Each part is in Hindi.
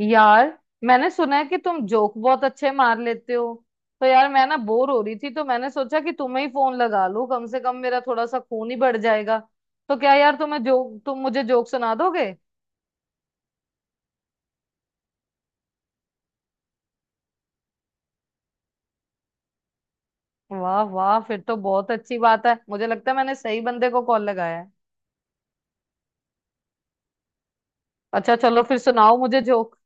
यार, मैंने सुना है कि तुम जोक बहुत अच्छे मार लेते हो। तो यार मैं ना बोर हो रही थी तो मैंने सोचा कि तुम्हें ही फोन लगा लूं, कम से कम मेरा थोड़ा सा खून ही बढ़ जाएगा। तो क्या यार तुम मुझे जोक सुना दोगे? वाह वाह, फिर तो बहुत अच्छी बात है। मुझे लगता है मैंने सही बंदे को कॉल लगाया है। अच्छा चलो फिर सुनाओ मुझे जोक।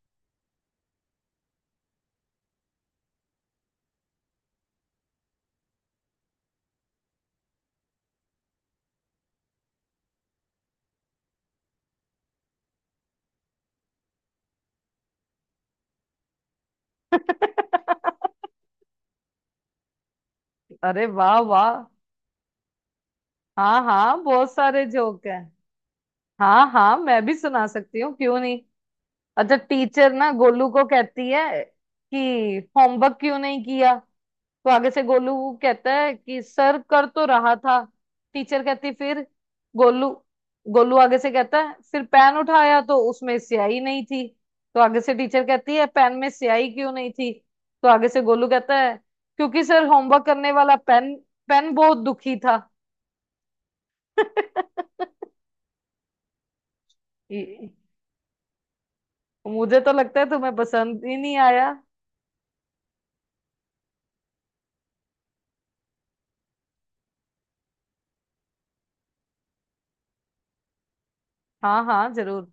अरे वाह वाह। हाँ हाँ, बहुत सारे जोक हैं। हाँ हाँ, मैं भी सुना सकती हूँ, क्यों नहीं। अच्छा, टीचर ना गोलू को कहती है कि होमवर्क क्यों नहीं किया। तो आगे से गोलू कहता है कि सर कर तो रहा था। टीचर कहती फिर। गोलू गोलू आगे से कहता है फिर पेन उठाया तो उसमें स्याही नहीं थी। तो आगे से टीचर कहती है पेन में स्याही क्यों नहीं थी। तो आगे से गोलू कहता है क्योंकि सर होमवर्क करने वाला पेन पेन बहुत दुखी था। ये- मुझे तो लगता है तुम्हें पसंद ही नहीं आया। हाँ हाँ जरूर।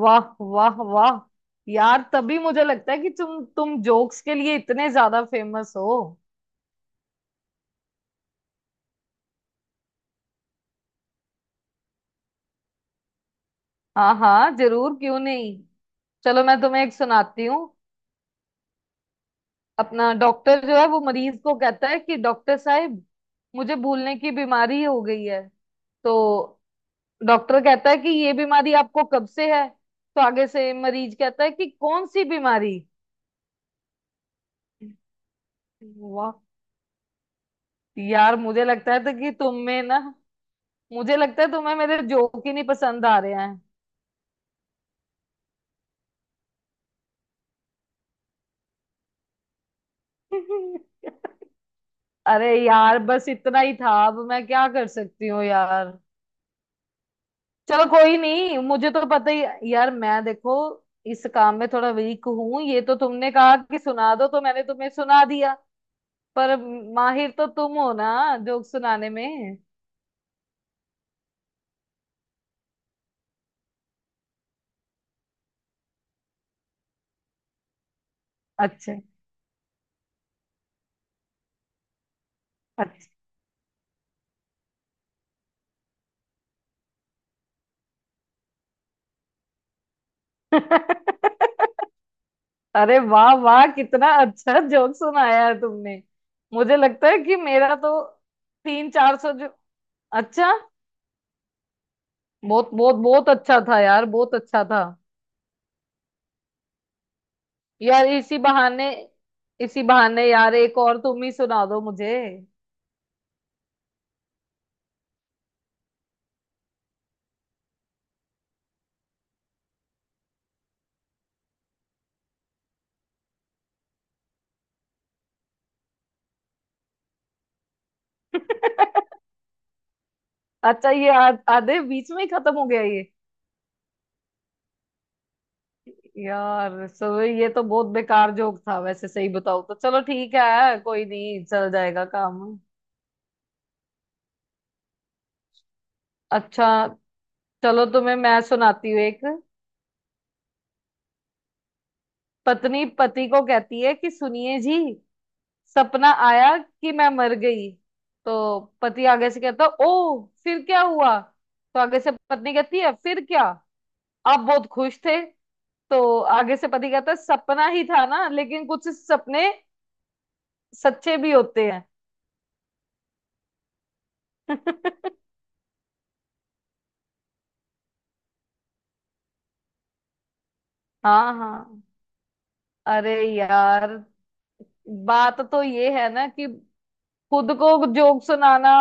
वाह वाह वाह, यार तभी मुझे लगता है कि तुम जोक्स के लिए इतने ज्यादा फेमस हो। हाँ हाँ जरूर, क्यों नहीं। चलो मैं तुम्हें एक सुनाती हूँ। अपना डॉक्टर जो है वो मरीज को कहता है कि डॉक्टर साहब मुझे भूलने की बीमारी हो गई है। तो डॉक्टर कहता है कि ये बीमारी आपको कब से है, तो आगे से मरीज कहता है कि कौन सी बीमारी। वाह। यार मुझे लगता है तो कि तुम में ना, मुझे लगता है तुम्हें मेरे जोक ही नहीं पसंद आ रहे हैं। अरे यार, बस इतना ही था, अब मैं क्या कर सकती हूँ यार। चलो कोई नहीं, मुझे तो पता ही यार, मैं देखो इस काम में थोड़ा वीक हूँ। ये तो तुमने कहा कि सुना दो तो मैंने तुम्हें सुना दिया, पर माहिर तो तुम हो ना जोक सुनाने में। अच्छा। अच्छा। अरे वाह वाह, कितना अच्छा जोक सुनाया है तुमने। मुझे लगता है कि मेरा तो तीन चार सौ। अच्छा, बहुत बहुत बहुत अच्छा था यार, बहुत अच्छा था। यार इसी बहाने, इसी बहाने यार एक और तुम ही सुना दो मुझे। अच्छा, ये आधे बीच में ही खत्म हो गया ये। यार सो ये तो बहुत बेकार जोक था वैसे, सही बताओ तो। चलो ठीक है, कोई नहीं, चल जाएगा काम। अच्छा चलो तुम्हें मैं सुनाती हूँ एक। पत्नी पति को कहती है कि सुनिए जी, सपना आया कि मैं मर गई। तो पति आगे से कहता ओ फिर क्या हुआ, तो आगे से पत्नी कहती है फिर क्या, आप बहुत खुश थे। तो आगे से पति कहता है सपना ही था ना, लेकिन कुछ सपने सच्चे भी होते हैं। हाँ हाँ। अरे यार, बात तो ये है ना कि खुद को जोक सुनाना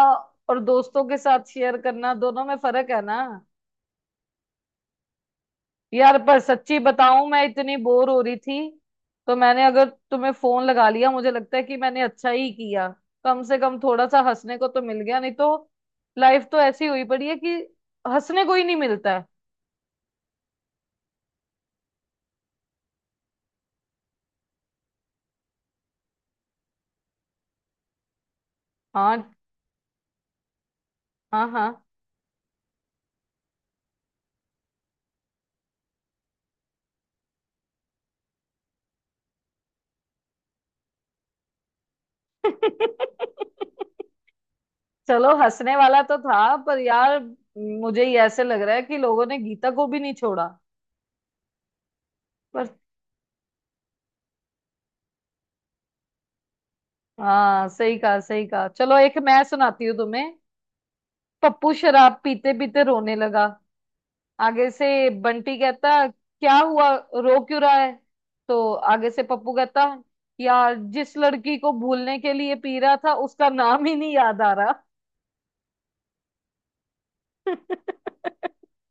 और दोस्तों के साथ शेयर करना, दोनों में फर्क है ना। यार पर सच्ची बताऊं, मैं इतनी बोर हो रही थी तो मैंने अगर तुम्हें फोन लगा लिया, मुझे लगता है कि मैंने अच्छा ही किया। कम से कम थोड़ा सा हंसने को तो मिल गया, नहीं तो लाइफ तो ऐसी हुई पड़ी है कि हंसने को ही नहीं मिलता है। हाँ हाँ हाँ। चलो हंसने वाला तो था, पर यार मुझे ही ऐसे लग रहा है कि लोगों ने गीता को भी नहीं छोड़ा। पर हाँ सही कहा, सही कहा। चलो एक मैं सुनाती हूँ तुम्हें। पप्पू शराब पीते पीते रोने लगा। आगे से बंटी कहता क्या हुआ, रो क्यों रहा है। तो आगे से पप्पू कहता यार जिस लड़की को भूलने के लिए पी रहा था उसका नाम ही नहीं याद आ रहा।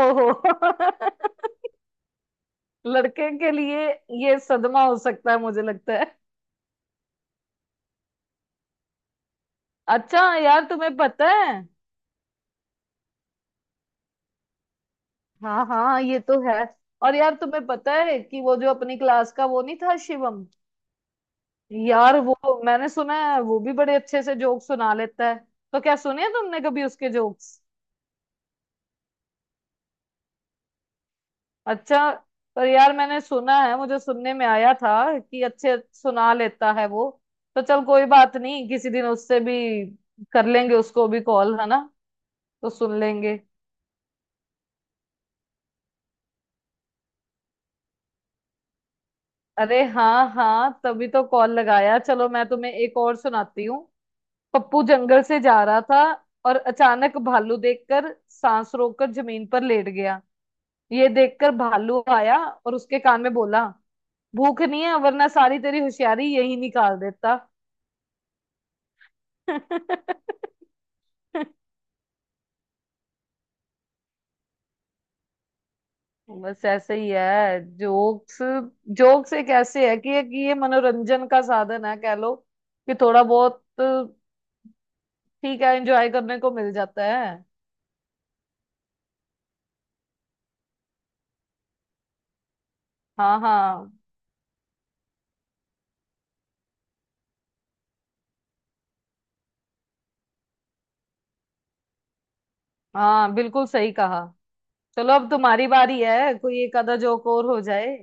ओहो। लड़के के लिए ये सदमा हो सकता है, मुझे लगता है। अच्छा यार तुम्हें पता है, हाँ हाँ ये तो है। और यार तुम्हें पता है कि वो जो अपनी क्लास का वो नहीं था, शिवम। यार वो, मैंने सुना है वो भी बड़े अच्छे से जोक सुना लेता है। तो क्या सुने हैं तुमने कभी उसके जोक्स? अच्छा। पर यार मैंने सुना है, मुझे सुनने में आया था कि अच्छे सुना लेता है वो। तो चल कोई बात नहीं, किसी दिन उससे भी कर लेंगे, उसको भी कॉल है ना, तो सुन लेंगे। अरे हाँ हाँ, तभी तो कॉल लगाया। चलो मैं तुम्हें एक और सुनाती हूँ। पप्पू जंगल से जा रहा था और अचानक भालू देखकर सांस रोककर जमीन पर लेट गया। ये देखकर भालू आया और उसके कान में बोला भूख नहीं है वरना सारी तेरी होशियारी यही निकाल देता। बस ऐसे ही है जोक्स। जोक्स एक ऐसे है कि एक ये मनोरंजन का साधन है कह लो, कि थोड़ा बहुत ठीक है, एंजॉय करने को मिल जाता है। हाँ हाँ हाँ, बिल्कुल सही कहा। चलो अब तुम्हारी बारी है, कोई एक आधा जोक और हो जाए।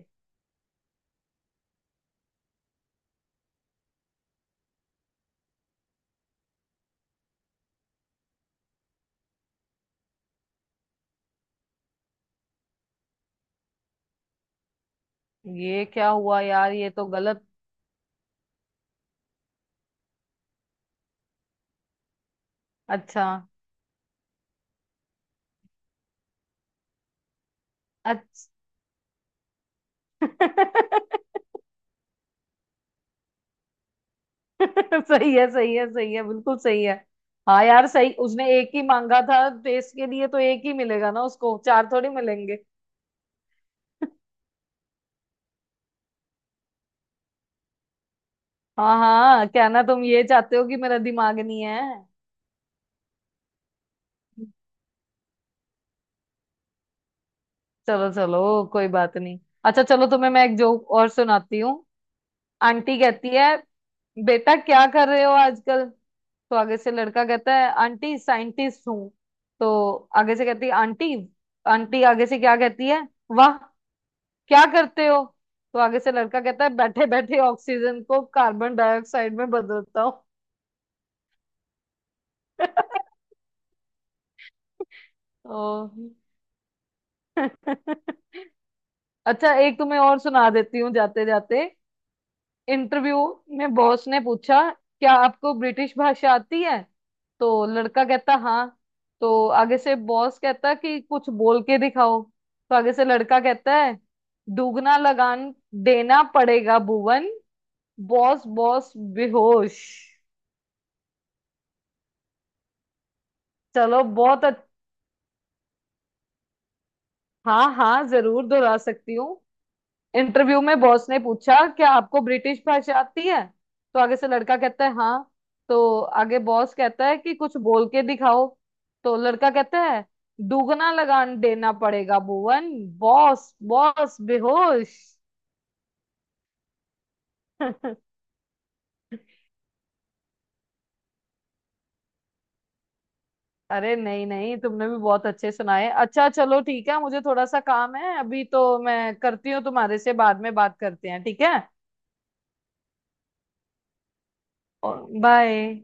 ये क्या हुआ यार, ये तो गलत। अच्छा। अच्छा। सही है, सही है, सही है, बिल्कुल सही है। हाँ यार सही, उसने एक ही मांगा था टेस्ट के लिए तो एक ही मिलेगा ना उसको, चार थोड़ी मिलेंगे। हाँ हाँ, कहना तुम ये चाहते हो कि मेरा दिमाग नहीं है। चलो चलो, कोई बात नहीं। अच्छा चलो तुम्हें मैं एक जोक और सुनाती हूँ। आंटी कहती है बेटा क्या कर रहे हो आजकल। तो आगे से लड़का कहता है आंटी साइंटिस्ट हूँ। तो आगे से कहती है आंटी, आंटी आगे से क्या कहती है, वाह क्या करते हो। तो आगे से लड़का कहता है बैठे बैठे ऑक्सीजन को कार्बन डाइऑक्साइड में बदलता हूँ। ओ। अच्छा, एक तुम्हें और सुना देती हूँ जाते जाते। इंटरव्यू में बॉस ने पूछा क्या आपको ब्रिटिश भाषा आती है। तो लड़का कहता हाँ। तो आगे से बॉस कहता कि कुछ बोल के दिखाओ। तो आगे से लड़का कहता है दुगना लगान देना पड़ेगा भुवन। बॉस बॉस बेहोश। चलो बहुत हाँ हाँ जरूर, दोहरा सकती हूँ। इंटरव्यू में बॉस ने पूछा क्या आपको ब्रिटिश भाषा आती है। तो आगे से लड़का कहता है हाँ। तो आगे बॉस कहता है कि कुछ बोल के दिखाओ। तो लड़का कहता है दुगना लगान देना पड़ेगा भुवन। बॉस बॉस बेहोश। अरे नहीं नहीं, तुमने भी बहुत अच्छे सुनाए। अच्छा चलो ठीक है, मुझे थोड़ा सा काम है अभी तो, मैं करती हूँ, तुम्हारे से बाद में बात करते हैं, ठीक है। बाय।